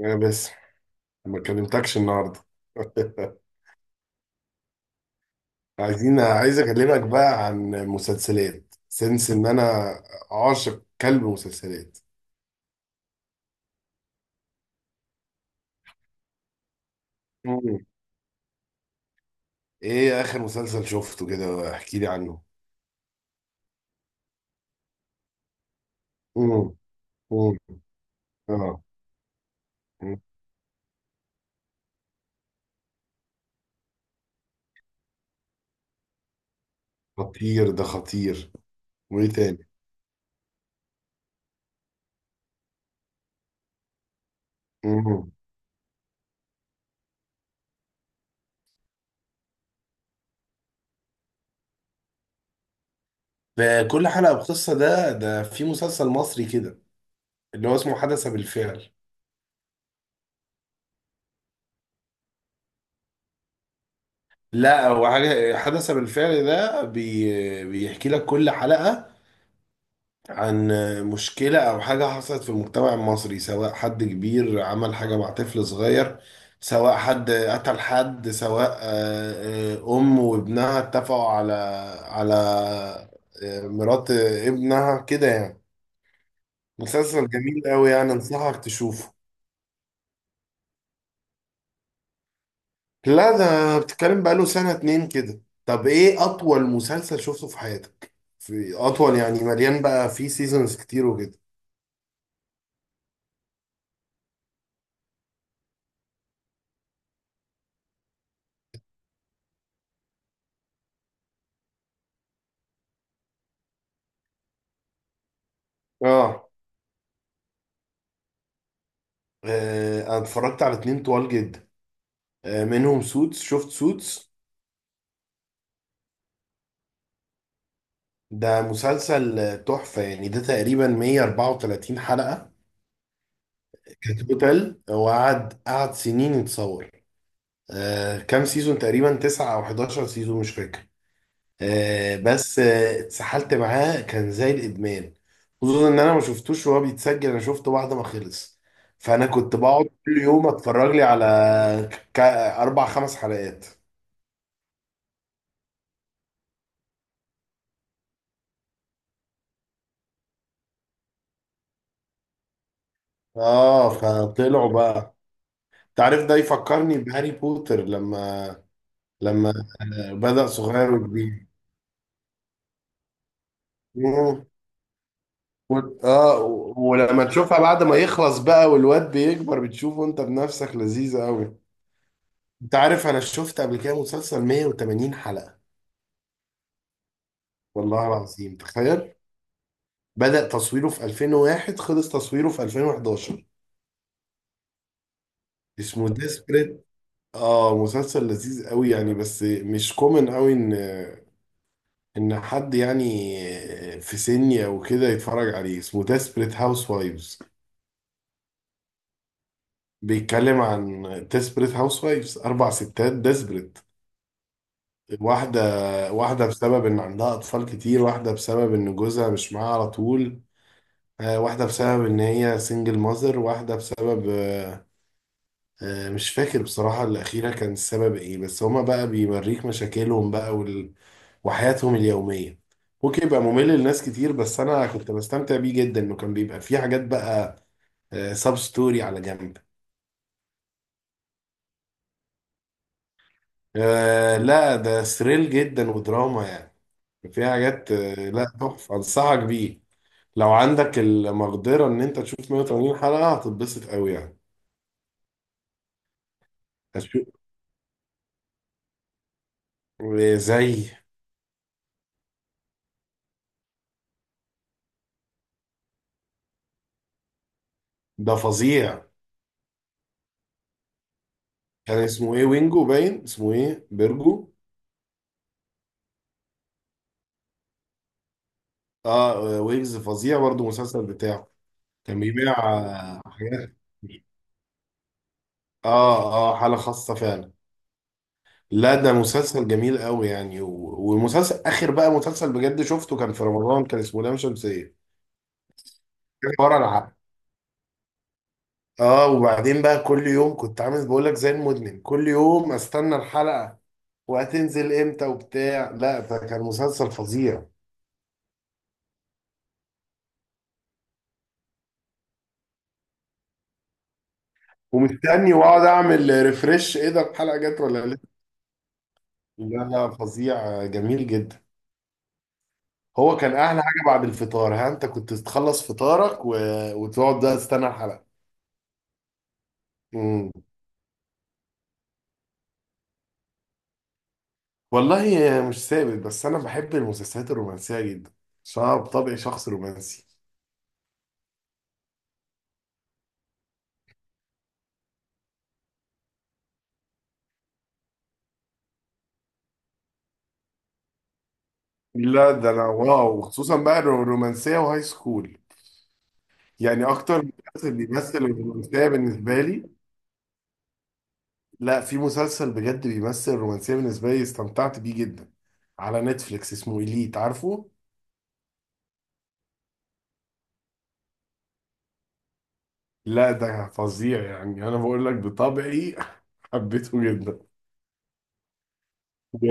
يا بس. ما كلمتكش النهارده. عايز اكلمك بقى عن مسلسلات، سنس ان انا عاشق كلب مسلسلات. مم. ايه اخر مسلسل شفته كده، احكي لي عنه؟ مم. مم. اه. مم. خطير، ده خطير. وايه تاني؟ مم. فكل حلقة بقصة. ده في مسلسل مصري كده، اللي هو اسمه حدث بالفعل. لا، هو حاجة حدث بالفعل ده بيحكي لك كل حلقة عن مشكلة أو حاجة حصلت في المجتمع المصري، سواء حد كبير عمل حاجة مع طفل صغير، سواء حد قتل حد، سواء أم وابنها اتفقوا على مرات ابنها كده يعني. مسلسل جميل أوي يعني، أنصحك تشوفه. لا، ده بتتكلم بقاله سنة اتنين كده. طب إيه أطول مسلسل شفته في حياتك؟ في أطول يعني مليان بقى فيه سيزونز كتير وكده. آه أنا اتفرجت على اتنين طوال جدا. منهم سوتس، شفت سوتس؟ ده مسلسل تحفة يعني. ده تقريبا 134 حلقة كتوتال، وقعد قعد سنين يتصور. كام سيزون؟ تقريبا 9 أو 11 سيزون، مش فاكر. بس اتسحلت معاه، كان زي الإدمان. خصوصا إن أنا ما شفتوش وهو بيتسجل، أنا شفته بعد ما خلص. فأنا كنت بقعد كل يوم أتفرج لي على أربع خمس حلقات. فطلعوا بقى. تعرف، ده يفكرني بهاري بوتر لما لما بدأ صغير وكبير. مم. ولما تشوفها بعد ما يخلص بقى والواد بيكبر، بتشوفه انت بنفسك، لذيذة قوي. انت عارف، انا شفت قبل كده مسلسل 180 حلقة. والله العظيم تخيل. بدأ تصويره في 2001، خلص تصويره في 2011. اسمه ديسبريت. اه، مسلسل لذيذ قوي يعني، بس مش كومن قوي ان حد يعني في سني او كده يتفرج عليه. اسمه ديسبريت هاوس وايفز. بيتكلم عن ديسبريت هاوس وايفز، اربع ستات ديسبريت. واحده واحده بسبب ان عندها اطفال كتير، واحده بسبب ان جوزها مش معاها على طول، واحده بسبب ان هي سنجل ماذر، واحده بسبب مش فاكر بصراحة الأخيرة كان السبب إيه. بس هما بقى بيوريك مشاكلهم بقى وحياتهم اليومية. ممكن يبقى ممل لناس كتير، بس أنا كنت بستمتع بيه جدا، إنه كان بيبقى فيه حاجات بقى سب ستوري على جنب. لا، ده ثريل جدا ودراما يعني، فيها حاجات. لا، تحفة، أنصحك بيه. لو عندك المقدرة إن أنت تشوف 180 حلقة، هتتبسط أوي يعني. هتشوف. زي. ده فظيع. كان اسمه إيه؟ وينجو، باين اسمه إيه، بيرجو. اه، ويجز، فظيع برضه المسلسل بتاعه. كان بيبيع حاجات. اه، اه، حالة خاصة فعلا. لا، ده مسلسل جميل قوي يعني. و- ومسلسل اخر بقى، مسلسل بجد شفته كان في رمضان، كان اسمه لام شمسية. كان ورا العقل. اه، وبعدين بقى كل يوم كنت عامل، بقول لك زي المدمن، كل يوم استنى الحلقة وهتنزل امتى وبتاع. لا، ده كان مسلسل فظيع. ومستني، واقعد اعمل ريفرش، ايه ده، الحلقة جت ولا لسه؟ لا، لا، فظيع، جميل جدا. هو كان احلى حاجه بعد الفطار. ها، انت كنت تخلص فطارك وتقعد بقى تستنى الحلقه. مم. والله، مش ثابت، بس انا بحب المسلسلات الرومانسيه جدا، عشان انا بطبعي شخص رومانسي. لا، ده انا واو، خصوصا بقى الرومانسيه وهاي سكول. يعني اكتر مسلسل بيمثل الرومانسيه بالنسبه لي، لا، في مسلسل بجد بيمثل الرومانسيه بالنسبه لي، استمتعت بيه جدا، على نتفليكس، اسمه إليت، عارفه؟ لا، ده فظيع يعني، انا بقول لك بطبعي. حبيته جدا و...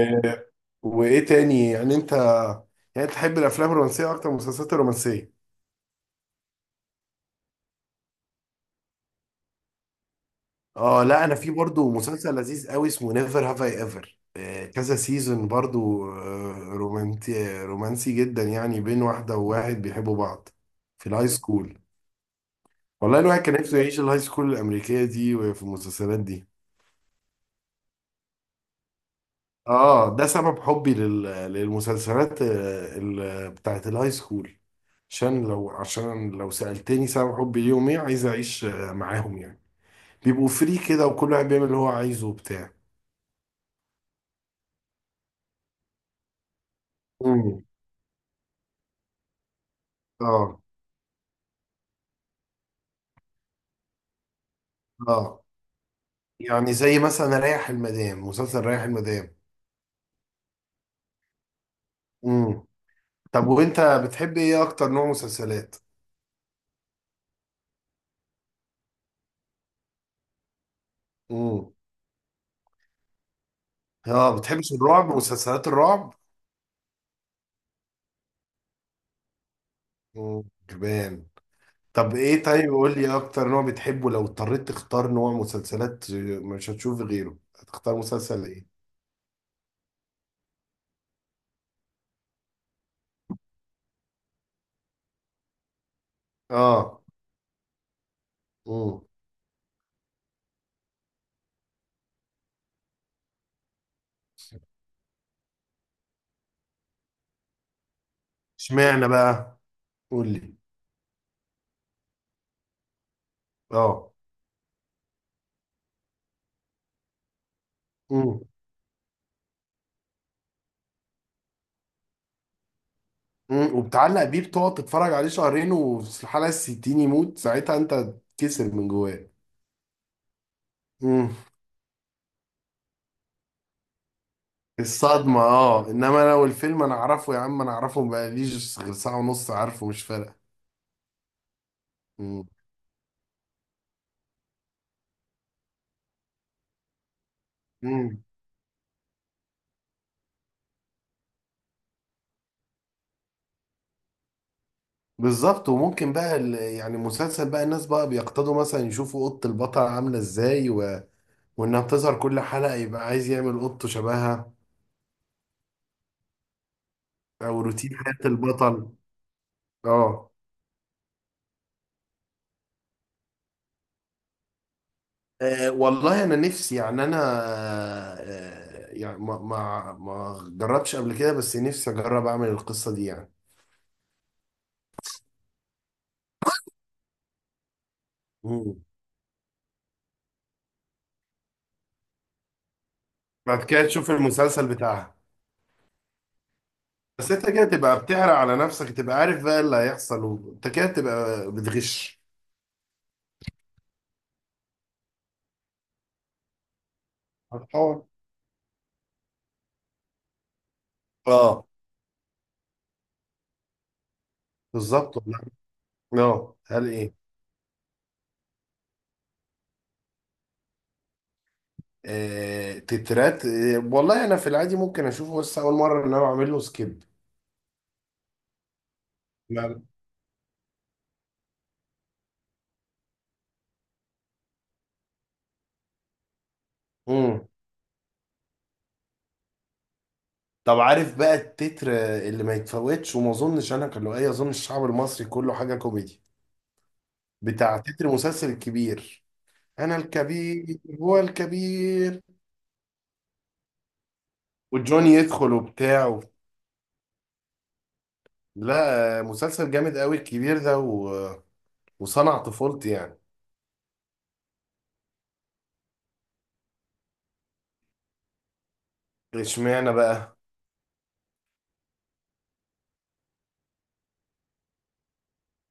وايه تاني يعني؟ انت يعني تحب الافلام الرومانسيه اكتر من المسلسلات الرومانسيه؟ اه لا، انا في برضو مسلسل لذيذ قوي اسمه نيفر هاف اي ايفر، كذا سيزون برضو. آه، رومانتي رومانسي جدا يعني، بين واحده وواحد بيحبوا بعض في الهاي سكول. والله، الواحد كان نفسه يعيش الهاي سكول الامريكيه دي وفي المسلسلات دي. اه، ده سبب حبي للمسلسلات بتاعت الهاي سكول. عشان لو سألتني سبب حبي ليهم ايه، عايز اعيش معاهم يعني، بيبقوا فري كده، وكل واحد بيعمل اللي هو عايزه وبتاع. امم. اه، اه، يعني زي مثلا ريح المدام، مسلسل ريح المدام. امم. طب وانت بتحب ايه اكتر نوع مسلسلات؟ امم. اه، بتحبش الرعب، مسلسلات الرعب؟ كمان. طب ايه، طيب قول لي اكتر نوع بتحبه، لو اضطريت تختار نوع مسلسلات مش هتشوف غيره، هتختار مسلسل ايه؟ اه. امم. اشمعنى بقى؟ قول لي. اه. امم. وبتعلق بيه، بتقعد تتفرج عليه شهرين، وفي الحلقه الستين يموت، ساعتها انت تكسر من جواك. امم الصدمه. اه، انما لو الفيلم انا اعرفه يا عم، انا اعرفه، بقاليش غير ساعه ونص، عارفه، مش فارقه. امم بالظبط. وممكن بقى يعني مسلسل بقى، الناس بقى بيقتضوا مثلا يشوفوا قط البطل عاملة ازاي وانها بتظهر كل حلقة، يبقى عايز يعمل قطه شبهها، او روتين حياة البطل. اه، والله انا نفسي يعني. انا يعني ما جربتش قبل كده، بس نفسي اجرب اعمل القصة دي يعني. مم. بعد كده تشوف المسلسل بتاعها. بس انت كده تبقى بتحرق على نفسك، تبقى عارف بقى اللي هيحصل، وانت كده تبقى بتغش. هتحاول. اه، بالظبط. اه، هل ايه؟ تترات، والله انا في العادي ممكن اشوفه بس اول مره، ان انا بعمل له سكيب. لا. امم. طب عارف بقى التتر اللي ما يتفوتش، وما اظنش انا كان له اي، اظن الشعب المصري كله، حاجه كوميدي، بتاع تتر مسلسل الكبير. انا الكبير هو الكبير، وجوني يدخل وبتاع. لا، مسلسل جامد قوي الكبير ده وصنع طفولتي يعني. اشمعنى بقى؟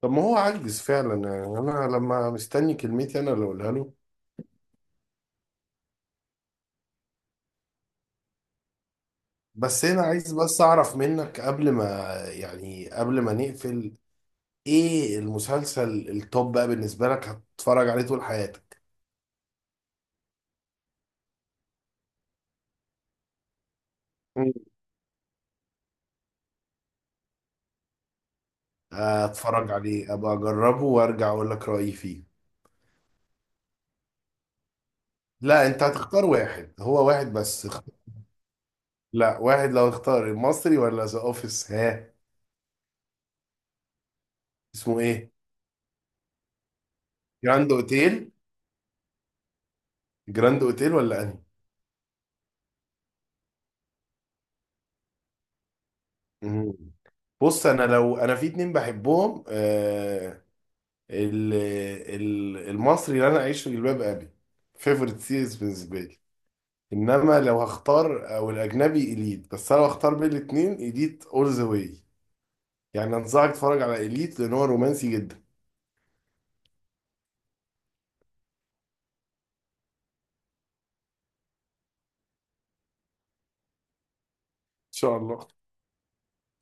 طب ما هو عجز فعلا يعني، انا لما مستني كلمتي انا اللي اقولها له. بس انا عايز، بس اعرف منك قبل ما يعني، قبل ما نقفل، ايه المسلسل التوب بقى بالنسبة لك هتتفرج عليه طول حياتك؟ مم. اتفرج عليه، ابقى اجربه وارجع اقول لك رأيي فيه. لا، انت هتختار واحد، هو واحد بس لا، واحد، لو اختار المصري ولا ذا اوفيس، ها؟ اسمه ايه؟ جراند اوتيل. جراند اوتيل ولا انهي؟ مم. بص انا، لو انا في اتنين بحبهم، ال- المصري اللي انا اعيش في جلباب ابي، فيفورت سيريز بالنسبه لي، انما لو هختار، او الاجنبي اليت. بس انا لو هختار بين الاثنين، اليت اول ذا واي. يعني انصحك تتفرج على اليت لان هو رومانسي جدا. ان شاء الله.